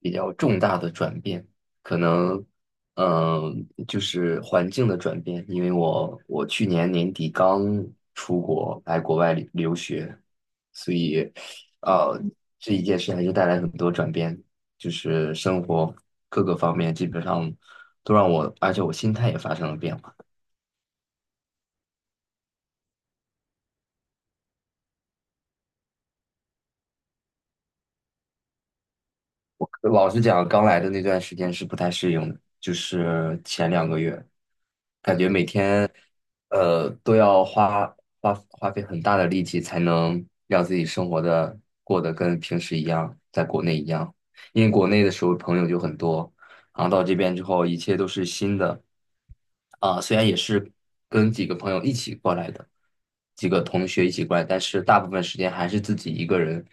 比较重大的转变，可能，就是环境的转变。因为我去年年底刚出国来国外留学，所以，呃，这一件事还是带来很多转变，就是生活各个方面基本上都让我，而且我心态也发生了变化。我老实讲，刚来的那段时间是不太适应的，就是前两个月，感觉每天，都要花花费很大的力气才能让自己生活的过得跟平时一样，在国内一样。因为国内的时候朋友就很多，然后到这边之后，一切都是新的。啊，虽然也是跟几个朋友一起过来的，几个同学一起过来，但是大部分时间还是自己一个人。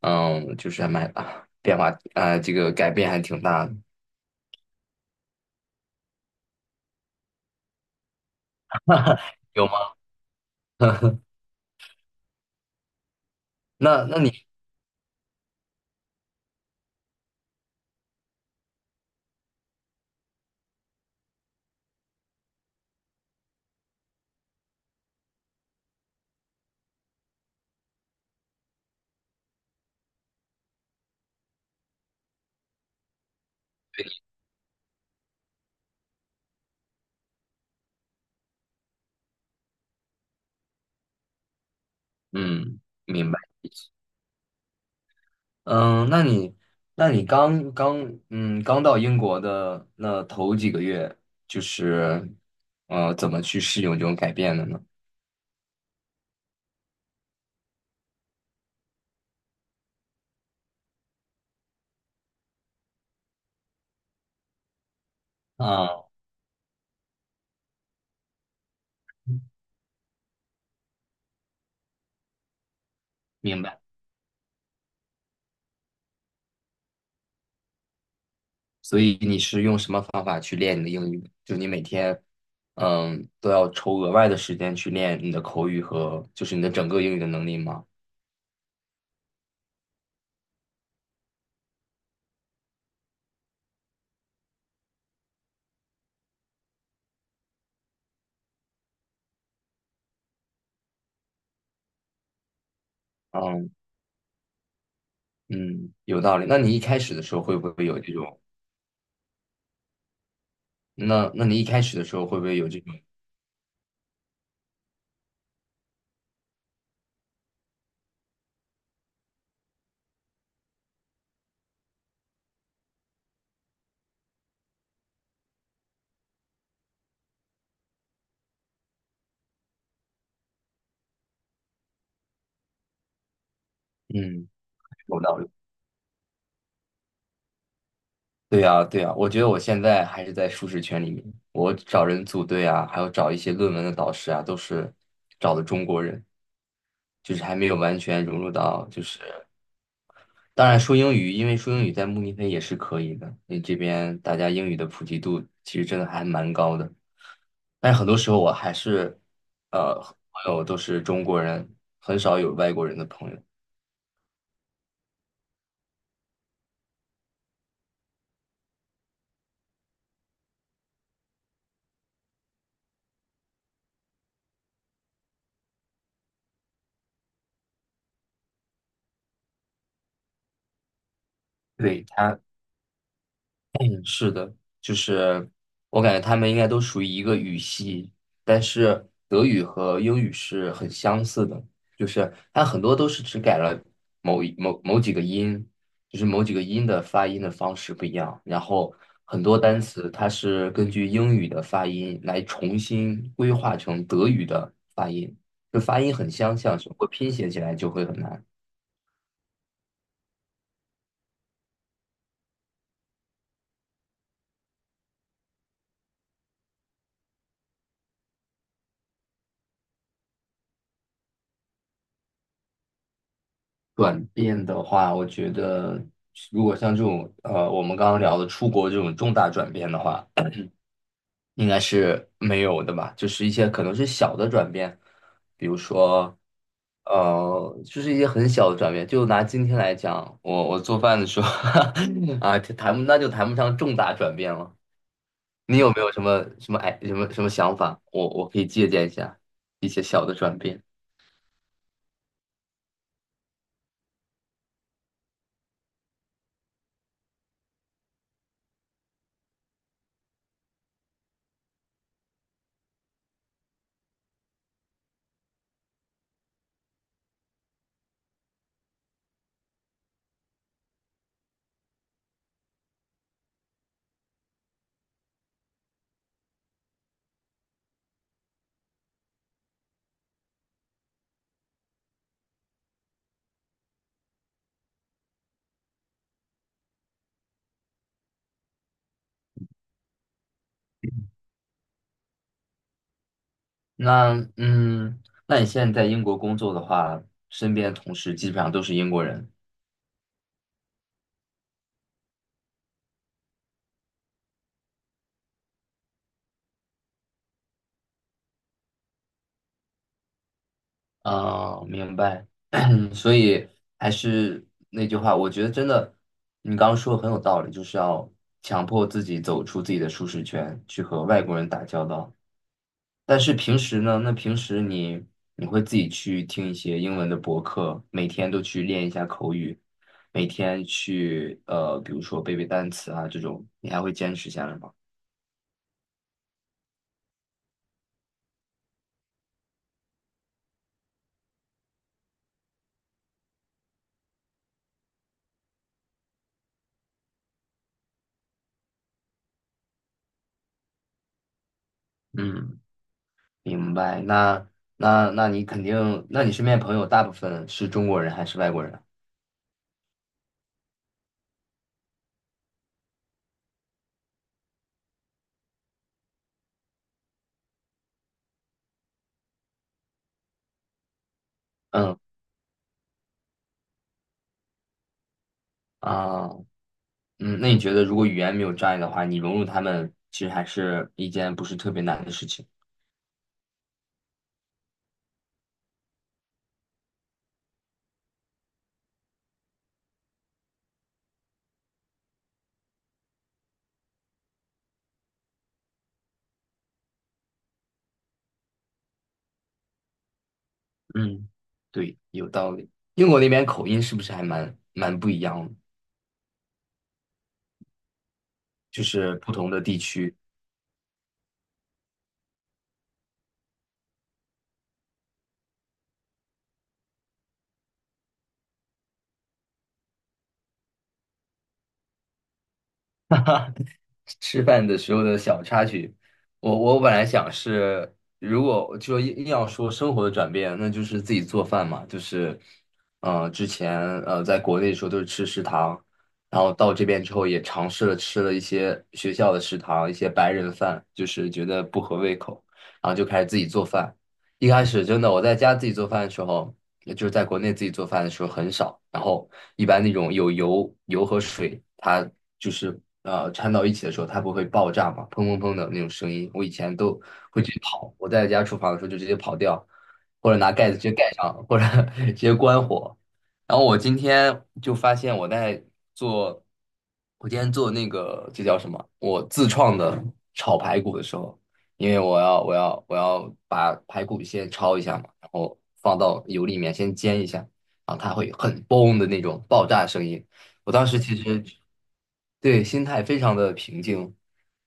嗯，就是还蛮 变化，这个改变还挺大的。有吗？那那你，嗯，明白。嗯，那你，刚到英国的那头几个月，就是，怎么去适应这种改变的呢？啊，明白。所以你是用什么方法去练你的英语的就你每天，嗯，都要抽额外的时间去练你的口语和就是你的整个英语的能力吗？嗯，嗯，有道理。那你一开始的时候会不会有这种？那那你一开始的时候会不会有这种嗯，有道理？对呀，对呀，我觉得我现在还是在舒适圈里面，我找人组队啊，还有找一些论文的导师啊，都是找的中国人。就是还没有完全融入到，就是当然说英语，因为说英语在慕尼黑也是可以的，因为这边大家英语的普及度其实真的还蛮高的，但是很多时候我还是呃朋友都是中国人，很少有外国人的朋友。对，他。嗯，是的，就是我感觉他们应该都属于一个语系，但是德语和英语是很相似的，就是它很多都是只改了某几个音，就是某几个音的发音的方式不一样。然后很多单词它是根据英语的发音来重新规划成德语的发音，就发音很相像，只不过拼写起来就会很难。转变的话，我觉得如果像这种我们刚刚聊的出国这种重大转变的话，应该是没有的吧？就是一些可能是小的转变，比如说，就是一些很小的转变。就拿今天来讲，我做饭的时候 啊，就谈不上重大转变了。你有没有什么什么哎什么什么想法？我可以借鉴一下一些小的转变。那嗯，那你现在在英国工作的话，身边的同事基本上都是英国人。啊，明白。所以还是那句话，我觉得真的，你刚刚说的很有道理，就是要强迫自己走出自己的舒适圈，去和外国人打交道。但是平时呢，那平时你会自己去听一些英文的博客，每天都去练一下口语，每天去比如说背单词啊这种，你还会坚持下来吗？嗯。明白。那那你肯定，那你身边朋友大部分是中国人还是外国人？嗯，啊，嗯，那你觉得如果语言没有障碍的话，你融入他们其实还是一件不是特别难的事情。嗯，对，有道理。英国那边口音是不是还蛮不一样的？就是不同的地区。吃饭的时候的小插曲，我本来想是，如果就硬要说生活的转变，那就是自己做饭嘛，就是，之前在国内的时候都是吃食堂，然后到这边之后也尝试了吃了一些学校的食堂，一些白人饭，就是觉得不合胃口，然后就开始自己做饭。一开始真的我在家自己做饭的时候，也就是在国内自己做饭的时候很少，然后一般那种有油和水，它就是掺到一起的时候，它不会爆炸嘛，砰砰砰的那种声音，我以前都会直接跑，我在家厨房的时候就直接跑掉，或者拿盖子直接盖上，或者 直接关火。然后我今天就发现我在做，我今天做那个这叫什么？我自创的炒排骨的时候。因为我要把排骨先焯一下嘛，然后放到油里面先煎一下，然后它会很嘣的那种爆炸声音。我当时其实对心态非常的平静，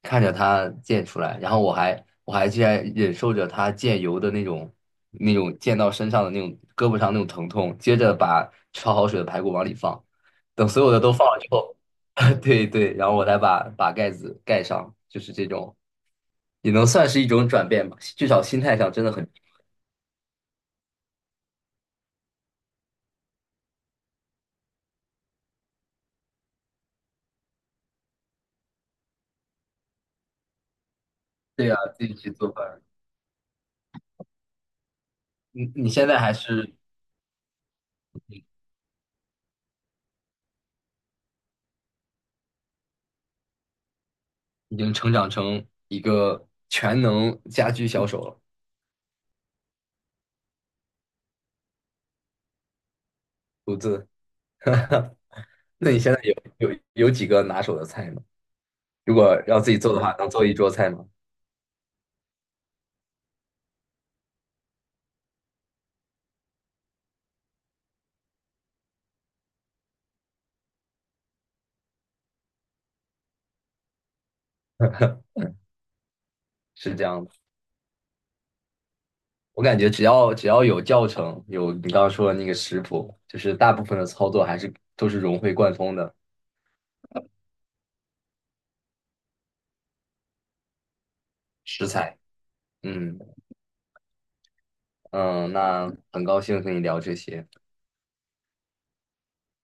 看着它溅出来，然后我还竟然忍受着它溅油的那种溅到身上的那种胳膊上那种疼痛，接着把焯好水的排骨往里放，等所有的都放了之后，对对，然后我再把盖子盖上，就是这种。也能算是一种转变吧，至少心态上真的很。对啊，自己去做饭。你你现在还是已经成长成一个全能家居小手了，独自。那你现在有几个拿手的菜吗？如果要自己做的话，能做一桌菜吗？是这样的，我感觉只要有教程，有你刚刚说的那个食谱，就是大部分的操作还是都是融会贯通的食材。嗯，嗯，那很高兴和你聊这些。